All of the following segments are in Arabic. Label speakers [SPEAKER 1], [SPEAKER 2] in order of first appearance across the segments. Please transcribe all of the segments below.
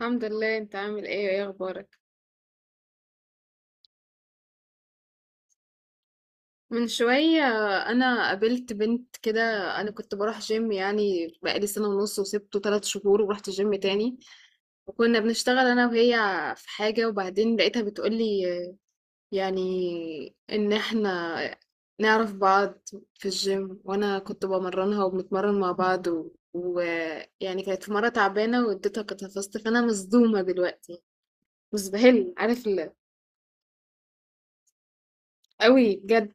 [SPEAKER 1] الحمد لله. انت عامل ايه؟ اخبارك؟ من شوية انا قابلت بنت كده. انا كنت بروح جيم، يعني بقالي سنة ونص، وسبته ثلاث شهور ورحت جيم تاني، وكنا بنشتغل انا وهي في حاجة. وبعدين لقيتها بتقولي، يعني، ان احنا نعرف بعض في الجيم، وانا كنت بمرنها وبنتمرن مع بعض و- ويعني كانت في مرة تعبانة واديتها كتفست. فانا مصدومة دلوقتي، مزبهل. عارف قوي، بجد.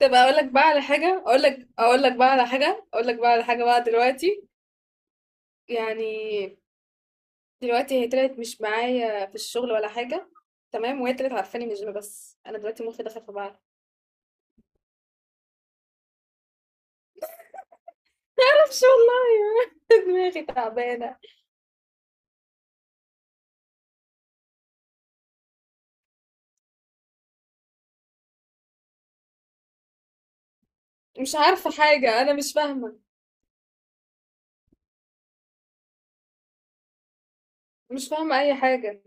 [SPEAKER 1] طب اقول لك بقى على حاجه، اقول لك اقول لك بقى على حاجه اقول لك بقى على حاجه بقى دلوقتي. يعني دلوقتي هي طلعت مش معايا في الشغل ولا حاجه، تمام؟ وهي طلعت عارفاني. مش بس، انا دلوقتي مخي دخل في بعض. معرفش والله. دماغي تعبانه. مش عارفه حاجه، انا مش فاهمه. مش فاهمه اي حاجه.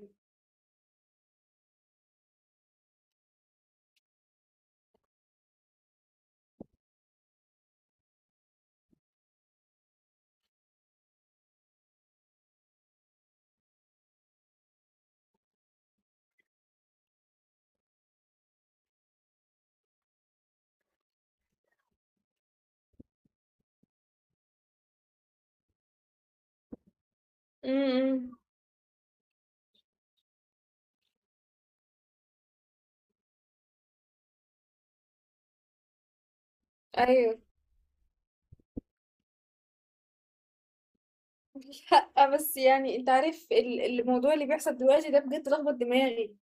[SPEAKER 1] امم. ايوه. لا، بس يعني انت عارف الموضوع اللي بيحصل دلوقتي ده بجد لخبط دماغي.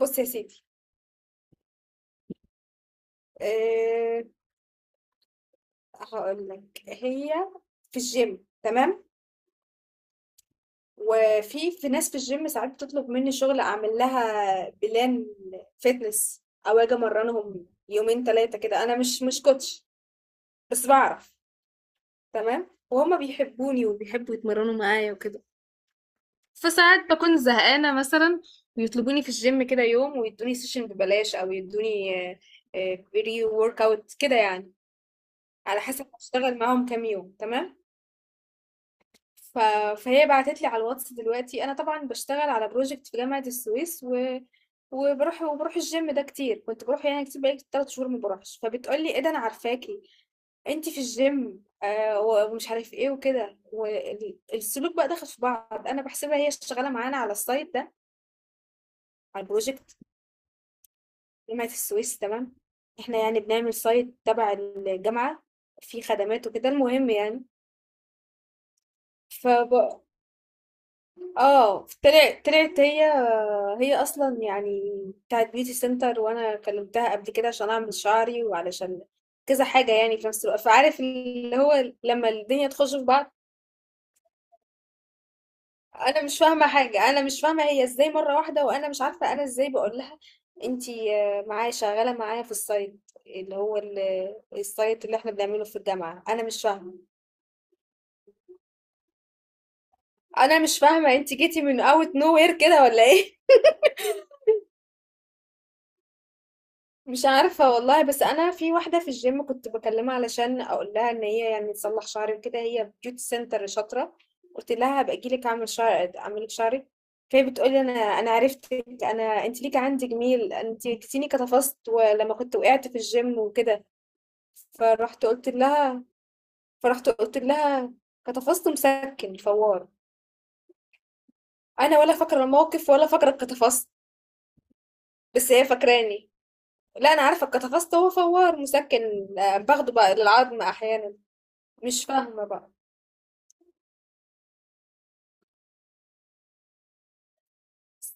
[SPEAKER 1] بص يا سيدي، آه، هاقول لك، هي في الgym، تمام، وفي ناس في الgym ساعات بتطلب مني شغل، أعمل لها بلان fitness، أو آجي أمرنهم يومين 3 كده. أنا مش كوتش، بس بعرف. تمام، وهما بيحبوني وبيحبوا يتمرنوا معايا وكده. فساعات بكون زهقانة مثلا، ويطلبوني في الgym كده يوم ويدوني سيشن ببلاش، أو يدوني بري ورك أوت كده، يعني على حسب هشتغل معاهم كام يوم. تمام. ف... فهي بعتت لي على الواتس دلوقتي. انا طبعا بشتغل على بروجكت في جامعة السويس، وبروح الجيم ده كتير، كنت بروح يعني كتير. بقالي 3 شهور ما بروحش، فبتقول لي ايه ده، انا عارفاكي، انت في الجيم، آه، و- ومش عارف ايه وكده. والسلوك بقى داخل في بعض، انا بحسبها هي شغاله معانا على السايت ده، على البروجكت، جامعه السويس. تمام، احنا يعني بنعمل سايت تبع الجامعه، فيه خدمات وكده. المهم، يعني، اه، طلعت هي. هي اصلا يعني بتاعت بيوتي سنتر. وانا كلمتها قبل كده عشان اعمل شعري، وعلشان كذا حاجه يعني في نفس الوقت. فعارف اللي هو لما الدنيا تخش في بعض. انا مش فاهمه حاجه، انا مش فاهمه هي ازاي مره واحده، وانا مش عارفه انا ازاي بقول لها انتي، آه، معايا شغاله معايا في السايت اللي هو السايت اللي احنا بنعمله في الجامعه. انا مش فاهمه. انا مش فاهمه انتي جيتي من اوت نو وير كده ولا ايه؟ مش عارفة والله. بس أنا في واحدة في الجيم كنت بكلمها علشان أقول لها إن هي يعني تصلح شعري وكده، هي بيوتي سنتر شاطرة. قلت لها هبقى أجيلك أعمل شعر، أعملك شعرك. فهي بتقولي أنا عرفتك، أنا أنت ليك عندي جميل، أنت كتيني كتفصت ولما كنت وقعت في الجيم وكده. فرحت قلت لها فرحت قلت لها كتفصت مسكن فوار. أنا ولا فاكرة الموقف، ولا فاكرة الكتفصت، بس هي فاكراني. لا، أنا عارفة الكتفصت هو فوار مسكن، آه، باخده بقى للعظم أحيانا. مش فاهمة بقى.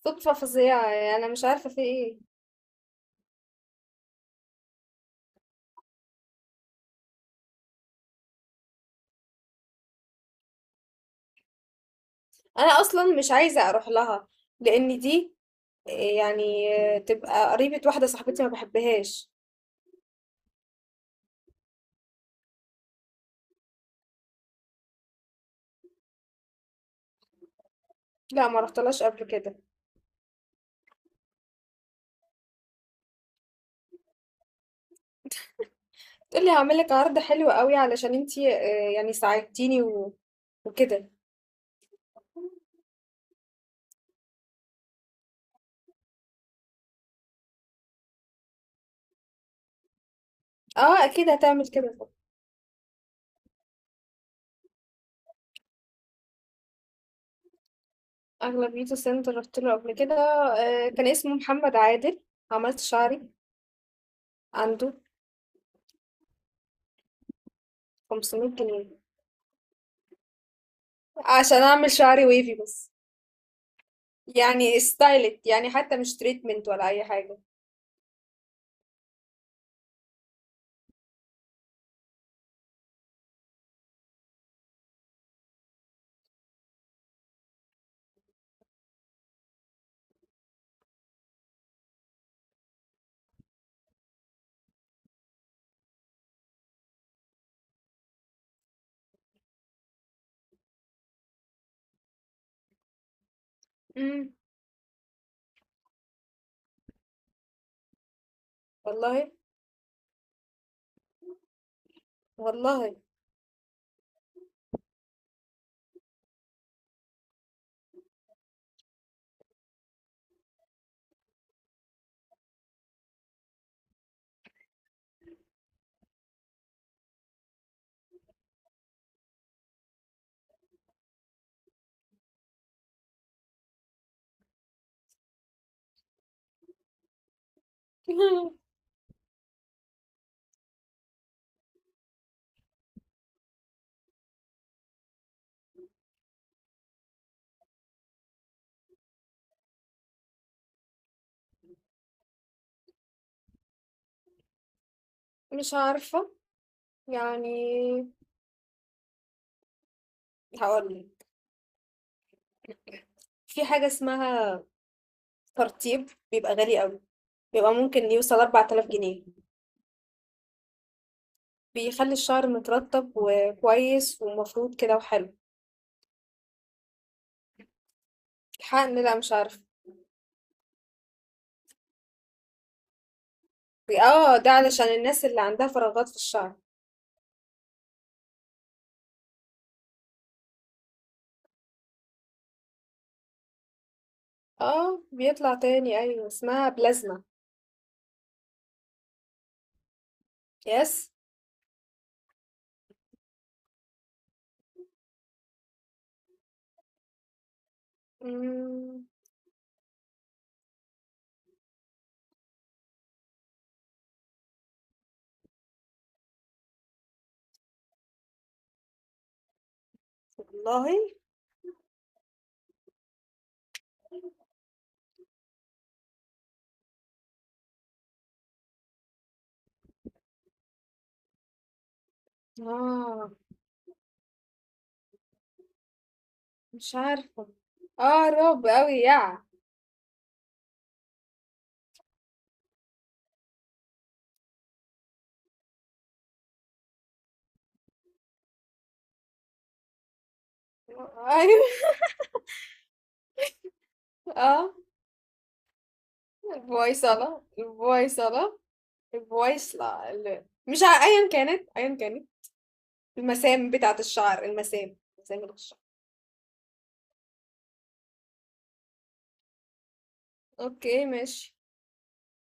[SPEAKER 1] صدفة فظيعة، يعني أنا مش عارفة في إيه. أنا أصلا مش عايزة أروح لها، لأن دي، آه، يعني تبقى قريبة واحدة صاحبتي ما بحبهاش. لا، ما رحتلهاش قبل كده. تقولي هعملك عرض حلو قوي علشان انتي، آه، يعني ساعدتيني، وكده. اه اكيد هتعمل كده. اغلبيته سنتر رحت له قبل كده، آه، كان اسمه محمد عادل. عملت شعري عنده. 500 جنيه عشان اعمل شعري ويفي بس، يعني ستايلت، يعني حتى مش تريتمنت ولا اي حاجة. امم. والله. والله. مش عارفة، يعني. هقولك، في حاجة اسمها ترطيب، بيبقى غالي قوي، بيبقى ممكن يوصل 4000 جنيه. بيخلي الشعر مترطب وكويس ومفروض كده وحلو. الحقن، لا مش عارفة. اه، ده علشان الناس اللي عندها فراغات في الشعر. اه، بيطلع تاني، ايوه، اسمها بلازما. يس. مم. والله. اه. مش عارفة. اه، رعب أوي، يا أيوة. اه. البويصلة، البويصلة. البويصلة، مش أيا كانت، أيا كانت. المسام بتاعة الشعر، المسام، مسام الشعر. اوكي، ماشي.